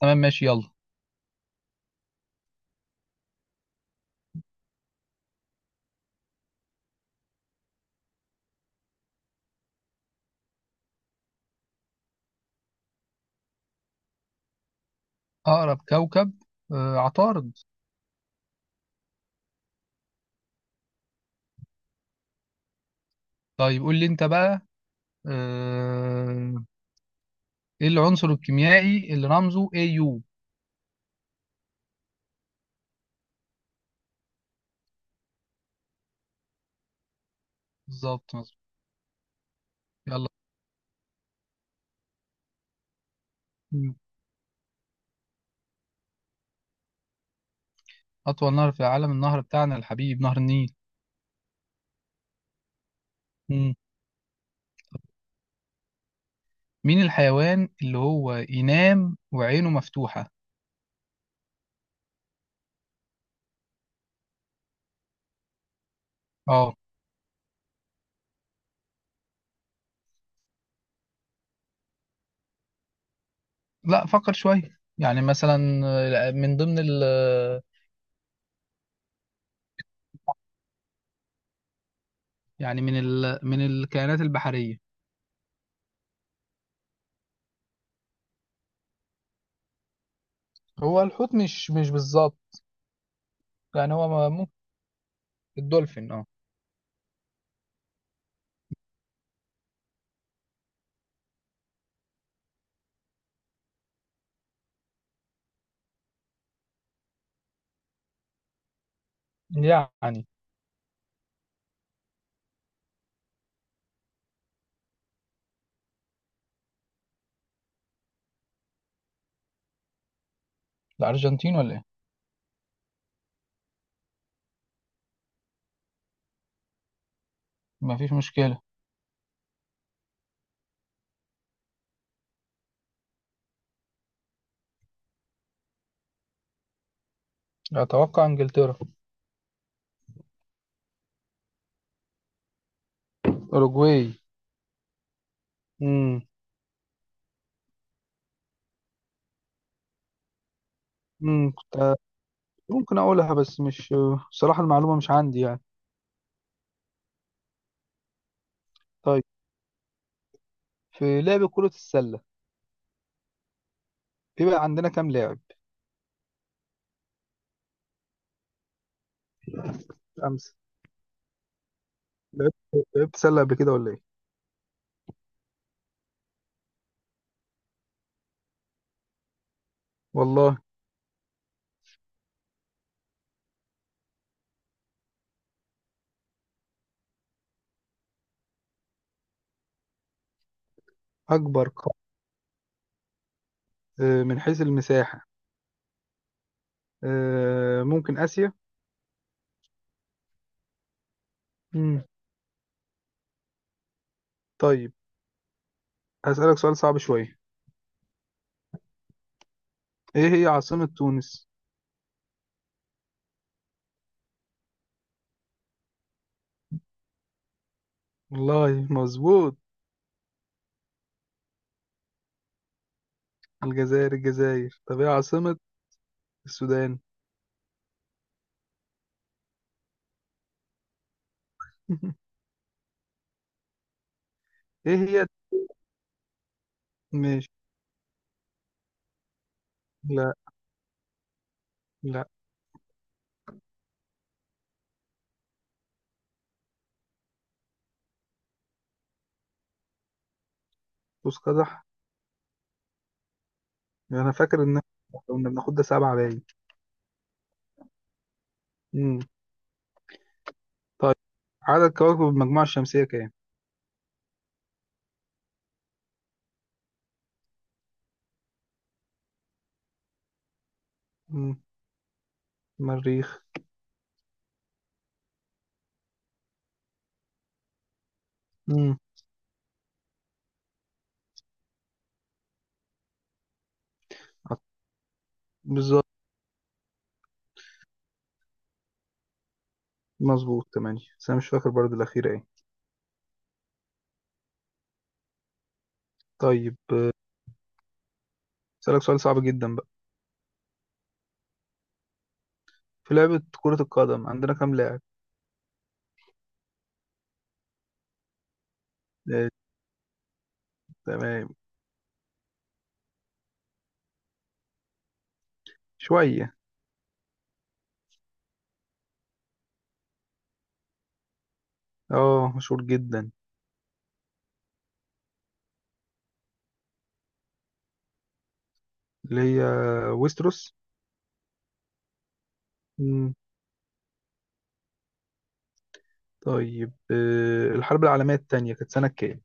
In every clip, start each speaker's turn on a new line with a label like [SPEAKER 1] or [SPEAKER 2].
[SPEAKER 1] تمام، ماشي، يلا. أقرب كوكب. عطارد. طيب، قول لي أنت بقى. آه إيه العنصر الكيميائي اللي رمزه AU؟ بالظبط، مظبوط. يلا. مم. أطول نهر في العالم، النهر بتاعنا الحبيب، نهر النيل. مم. مين الحيوان اللي هو ينام وعينه مفتوحة؟ أه. لا، فكر شوية، يعني مثلا من ضمن ال آه، يعني من الكائنات البحرية. هو الحوت، مش بالظبط. يعني هو ممكن الدولفين، اه. يعني الأرجنتين ولا إيه؟ مفيش مشكلة. أتوقع إنجلترا. أوروجواي. مم. مم. كنت ممكن أقولها، بس مش... صراحة المعلومة مش عندي يعني. طيب، في لعب كرة السلة بيبقى عندنا كام لاعب؟ خمسة. لعبت لعبت سلة قبل كده ولا إيه؟ والله. أكبر قارة من حيث المساحة. ممكن آسيا. مم. طيب، هسألك سؤال صعب شوية. إيه هي عاصمة تونس؟ والله، مظبوط. الجزائر، الجزائر. طب إيه عاصمة السودان؟ إيه هي. ماشي. لا، لا. قوس قزح. انا فاكر ان إحنا كنا بناخد ده سبعة باين. امم طيب، عدد كواكب المجموعة الشمسية كام؟ امم مريخ. امم عط- بالظبط، مظبوط، تمانية. بس انا مش فاكر برضه الأخيرة ايه. طيب، اسألك سؤال صعب جدا بقى. في لعبة كرة القدم عندنا كام لاعب؟ آه، تمام. شوية. اه، مشهور جدا. اللي هي ويستروس. امم طيب، الحرب العالمية التانية كانت سنة كام؟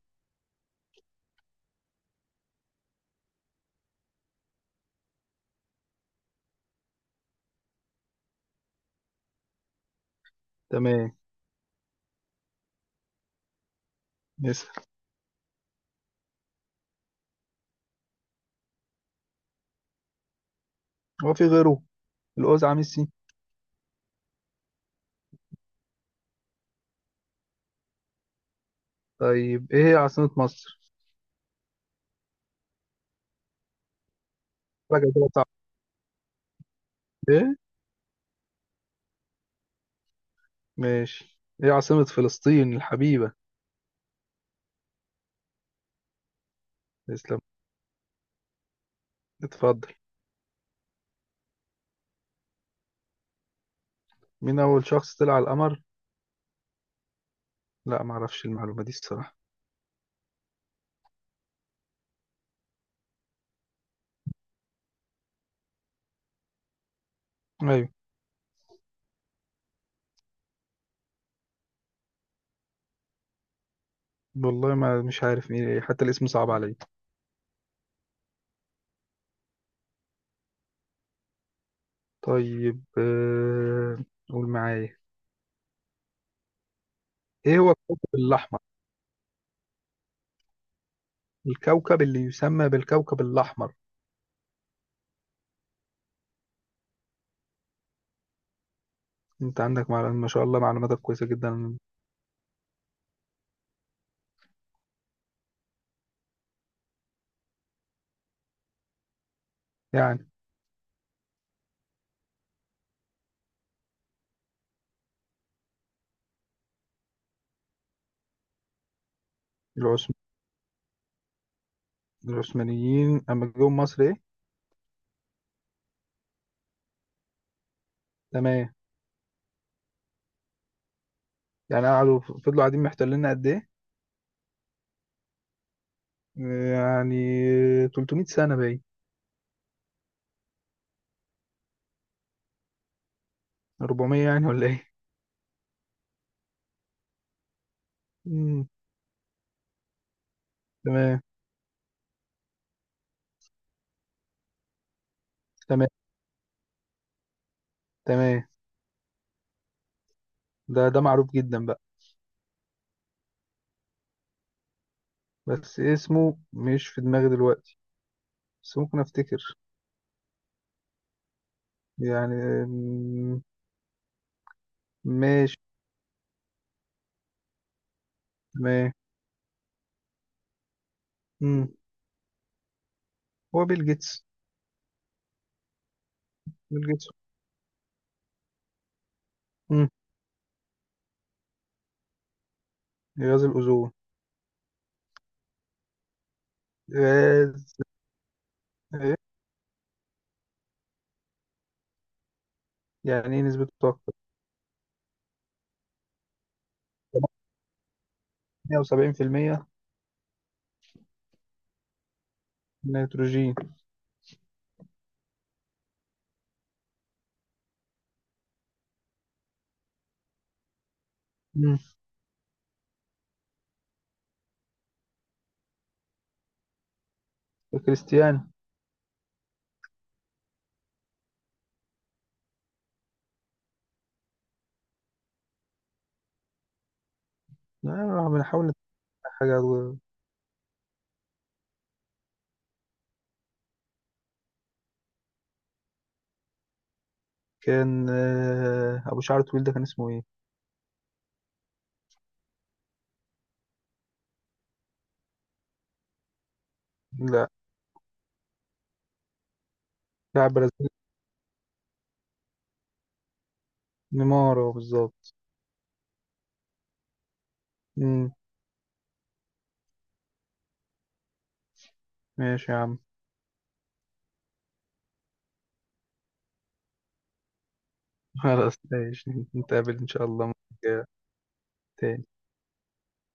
[SPEAKER 1] تمام. اسأل. هو في غيره؟ الأوزعة ميسي. طيب، ايه هي عاصمة مصر؟ حاجة كده صعبة. ايه؟ ماشي، ايه عاصمة فلسطين الحبيبة؟ تسلم. اتفضل. مين أول شخص طلع على القمر؟ لا، معرفش المعلومة دي الصراحة. أيوة. والله ما مش عارف مين إيه. حتى الاسم صعب عليا. طيب، قول معايا. ايه هو الكوكب الأحمر؟ الكوكب اللي يسمى بالكوكب الأحمر. انت عندك معلومة، ما شاء الله، معلوماتك كويسة جدا. يعني، العثم... العثمانيين أما جم مصر ايه؟ تمام. يعني قعدوا، فضلوا قاعدين محتليننا قد ايه؟ يعني 300 سنة باين. 400 يعني ولا ايه. مم. تمام، تمام، تمام. ده معروف جدا بقى، بس اسمه مش في دماغي دلوقتي. بس ممكن افتكر. يعني. مم، ماشي. تمام. مم. هو بيل جيتس. بيل جيتس. مم. غاز الأوزون. غاز. إيه؟ يعني ايه نسبته اكتر؟ 78%. نيتروجين. مم. كريستيانو. بنحاول نتابع حاجة. كان أبو شعر طويل، ده كان اسمه إيه؟ لا. لاعب برازيلي. نيمار هو بالظبط. مم. ماشي يا عم. خلاص، ماشي، نتقابل إن شاء الله مرة جاية تاني.